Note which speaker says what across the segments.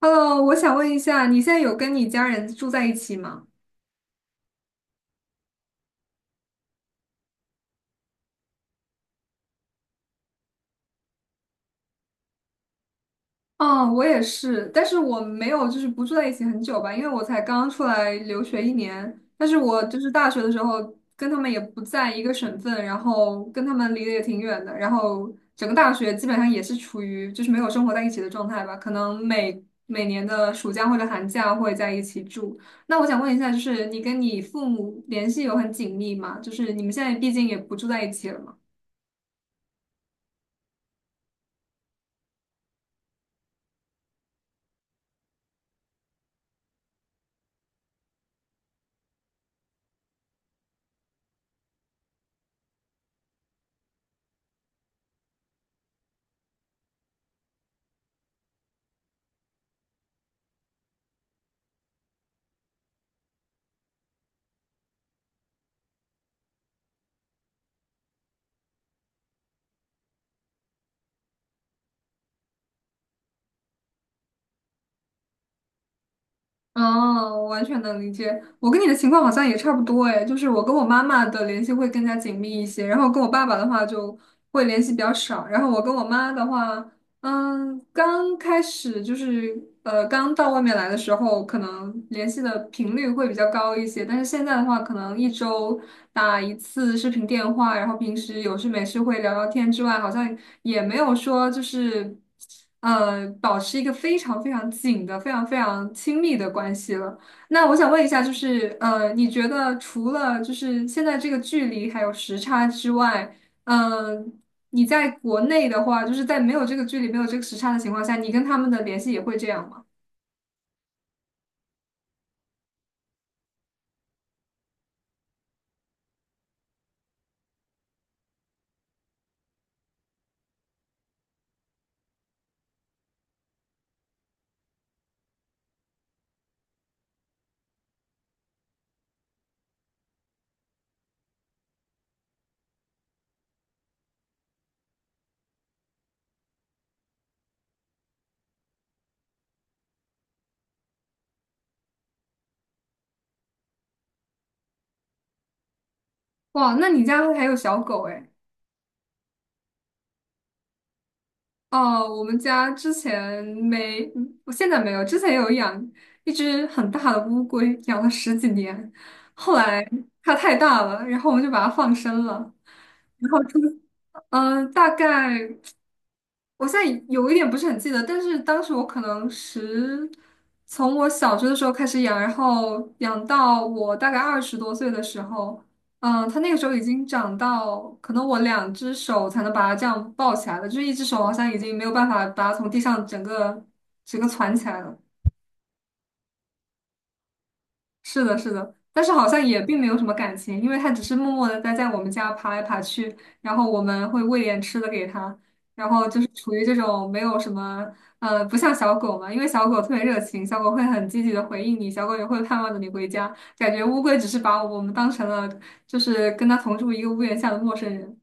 Speaker 1: Hello，我想问一下，你现在有跟你家人住在一起吗？哦，我也是，但是我没有就是不住在一起很久吧，因为我才刚出来留学一年。但是我就是大学的时候跟他们也不在一个省份，然后跟他们离得也挺远的，然后整个大学基本上也是处于就是没有生活在一起的状态吧，可能每年的暑假或者寒假会在一起住。那我想问一下，就是你跟你父母联系有很紧密吗？就是你们现在毕竟也不住在一起了嘛？哦，我完全能理解。我跟你的情况好像也差不多诶，就是我跟我妈妈的联系会更加紧密一些，然后跟我爸爸的话就会联系比较少，然后我跟我妈的话，刚开始就是刚到外面来的时候，可能联系的频率会比较高一些，但是现在的话，可能一周打一次视频电话，然后平时有事没事会聊聊天之外，好像也没有说就是保持一个非常非常紧的、非常非常亲密的关系了。那我想问一下，就是你觉得除了就是现在这个距离还有时差之外，嗯？你在国内的话，就是在没有这个距离、没有这个时差的情况下，你跟他们的联系也会这样吗？哇，那你家还有小狗哎？哦，我们家之前没，我现在没有，之前有养一只很大的乌龟，养了十几年，后来它太大了，然后我们就把它放生了。嗯，大概。我现在有一点不是很记得，但是当时我可能从我小学的时候开始养，然后养到我大概20多岁的时候，它那个时候已经长到可能我2只手才能把它这样抱起来了，就是一只手好像已经没有办法把它从地上整个攒起来了。是的，是的，但是好像也并没有什么感情，因为它只是默默的待在我们家爬来爬去，然后我们会喂点吃的给它，然后就是处于这种没有什么，不像小狗嘛，因为小狗特别热情，小狗会很积极的回应你，小狗也会盼望着你回家，感觉乌龟只是把我们当成了就是跟它同住一个屋檐下的陌生人。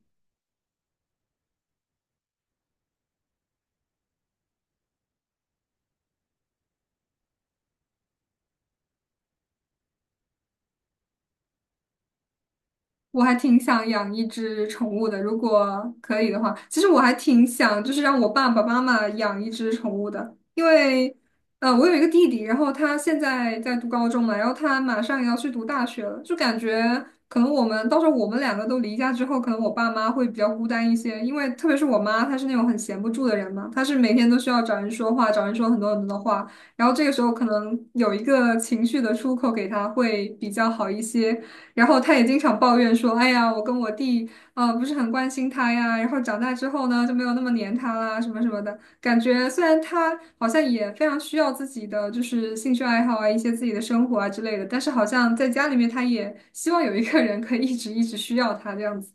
Speaker 1: 我还挺想养一只宠物的，如果可以的话，其实我还挺想，就是让我爸爸妈妈养一只宠物的，因为，我有一个弟弟，然后他现在在读高中嘛，然后他马上也要去读大学了，就感觉可能我们到时候我们两个都离家之后，可能我爸妈会比较孤单一些，因为特别是我妈，她是那种很闲不住的人嘛，她是每天都需要找人说话，找人说很多很多的话，然后这个时候可能有一个情绪的出口给他会比较好一些。然后他也经常抱怨说："哎呀，我跟我弟，啊不是很关心他呀。然后长大之后呢，就没有那么黏他啦，什么什么的。感觉虽然他好像也非常需要自己的就是兴趣爱好啊，一些自己的生活啊之类的，但是好像在家里面，他也希望有一个人可以一直一直需要他这样子。"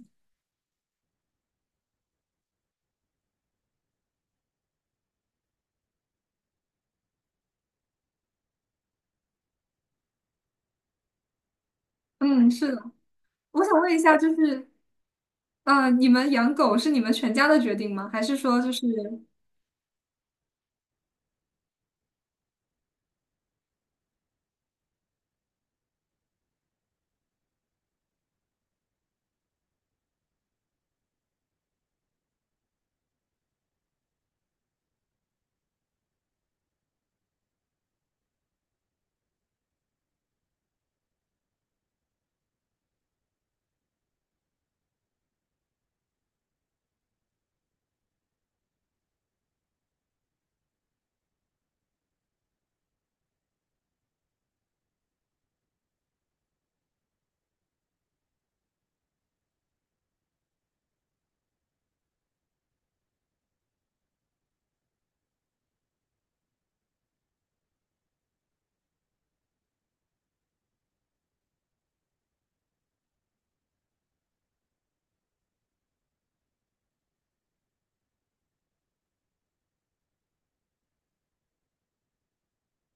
Speaker 1: 嗯，是的。我想问一下，就是，你们养狗是你们全家的决定吗？还是说就是，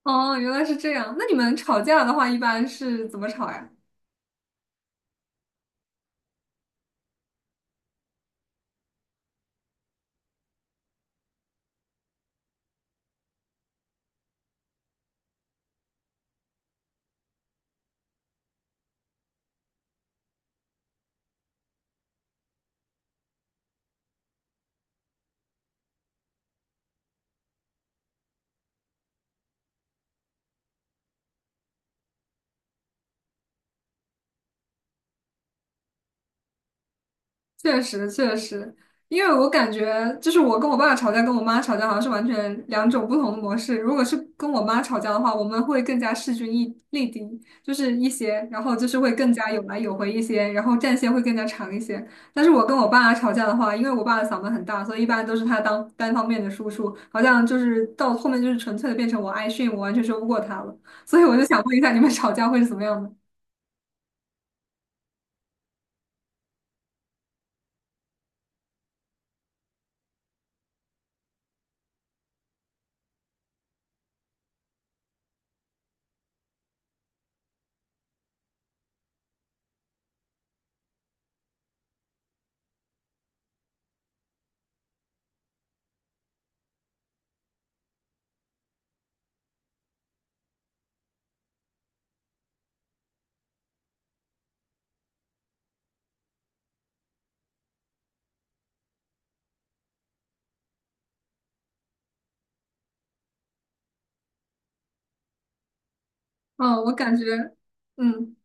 Speaker 1: 哦，原来是这样。那你们吵架的话，一般是怎么吵呀？确实确实，因为我感觉就是我跟我爸吵架，跟我妈吵架好像是完全两种不同的模式。如果是跟我妈吵架的话，我们会更加势均力敌，就是一些，然后就是会更加有来有回一些，然后战线会更加长一些。但是我跟我爸吵架的话，因为我爸的嗓门很大，所以一般都是他当单方面的输出，好像就是到后面就是纯粹的变成我挨训，我完全说不过他了。所以我就想问一下，你们吵架会是怎么样的？嗯，我感觉，嗯。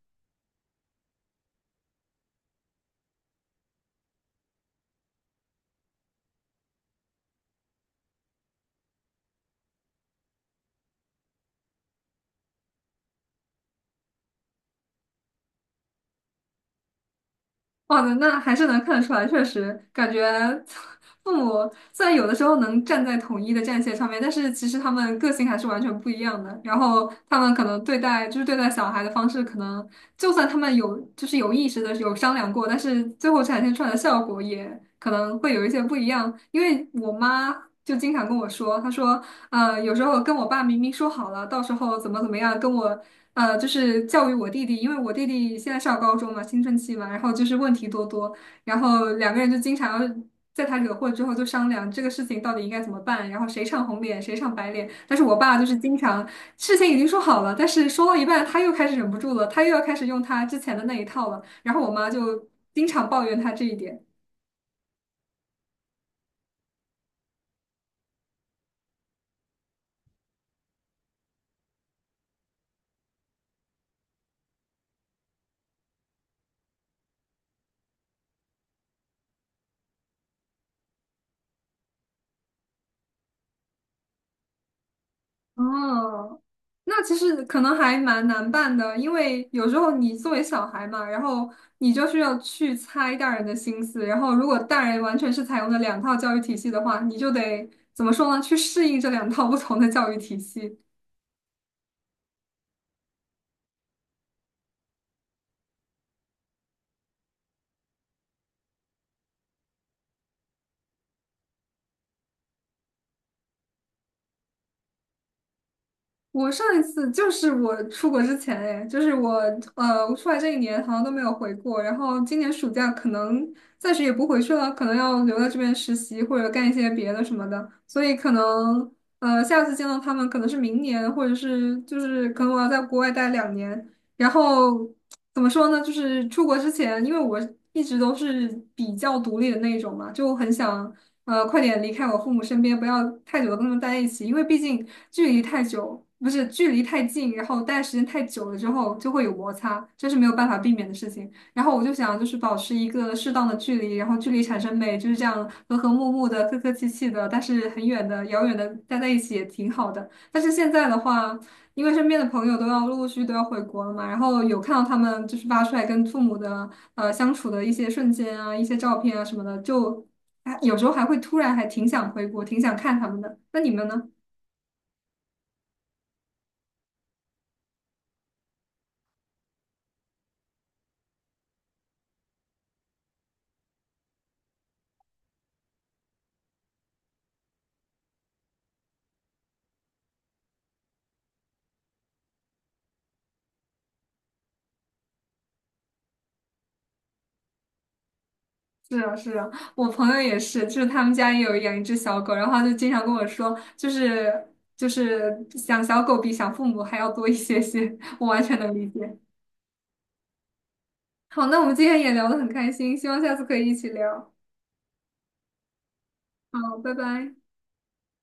Speaker 1: 哇，那还是能看得出来，确实感觉 父母虽然有的时候能站在统一的战线上面，但是其实他们个性还是完全不一样的。然后他们可能对待就是对待小孩的方式，可能就算他们有就是有意识的有商量过，但是最后展现出来的效果也可能会有一些不一样。因为我妈就经常跟我说，她说，有时候跟我爸明明说好了，到时候怎么怎么样，跟我。就是教育我弟弟，因为我弟弟现在上高中嘛，青春期嘛，然后就是问题多多，然后两个人就经常要在他惹祸之后就商量这个事情到底应该怎么办，然后谁唱红脸，谁唱白脸。但是我爸就是经常事情已经说好了，但是说到一半他又开始忍不住了，他又要开始用他之前的那一套了，然后我妈就经常抱怨他这一点。哦，那其实可能还蛮难办的，因为有时候你作为小孩嘛，然后你就是要去猜大人的心思，然后如果大人完全是采用的两套教育体系的话，你就得怎么说呢？去适应这两套不同的教育体系。我上一次就是我出国之前，哎，就是我出来这一年好像都没有回过，然后今年暑假可能暂时也不回去了，可能要留在这边实习或者干一些别的什么的，所以可能下次见到他们可能是明年，或者是就是可能我要在国外待2年，然后。怎么说呢？就是出国之前，因为我一直都是比较独立的那一种嘛，就很想快点离开我父母身边，不要太久的跟他们待在一起，因为毕竟距离太久，不是距离太近，然后待的时间太久了之后就会有摩擦，这是没有办法避免的事情。然后我就想就是保持一个适当的距离，然后距离产生美，就是这样和和睦睦的、客客气气的，但是很远的、遥远的待在一起也挺好的。但是现在的话。因为身边的朋友都要陆陆续续都要回国了嘛，然后有看到他们就是发出来跟父母的相处的一些瞬间啊、一些照片啊什么的，就啊有时候还会突然还挺想回国，挺想看他们的。那你们呢？是啊，是啊，我朋友也是，就是他们家也有养一只小狗，然后他就经常跟我说，就是想小狗比想父母还要多一些些，我完全能理解。好，那我们今天也聊得很开心，希望下次可以一起聊。好，拜拜。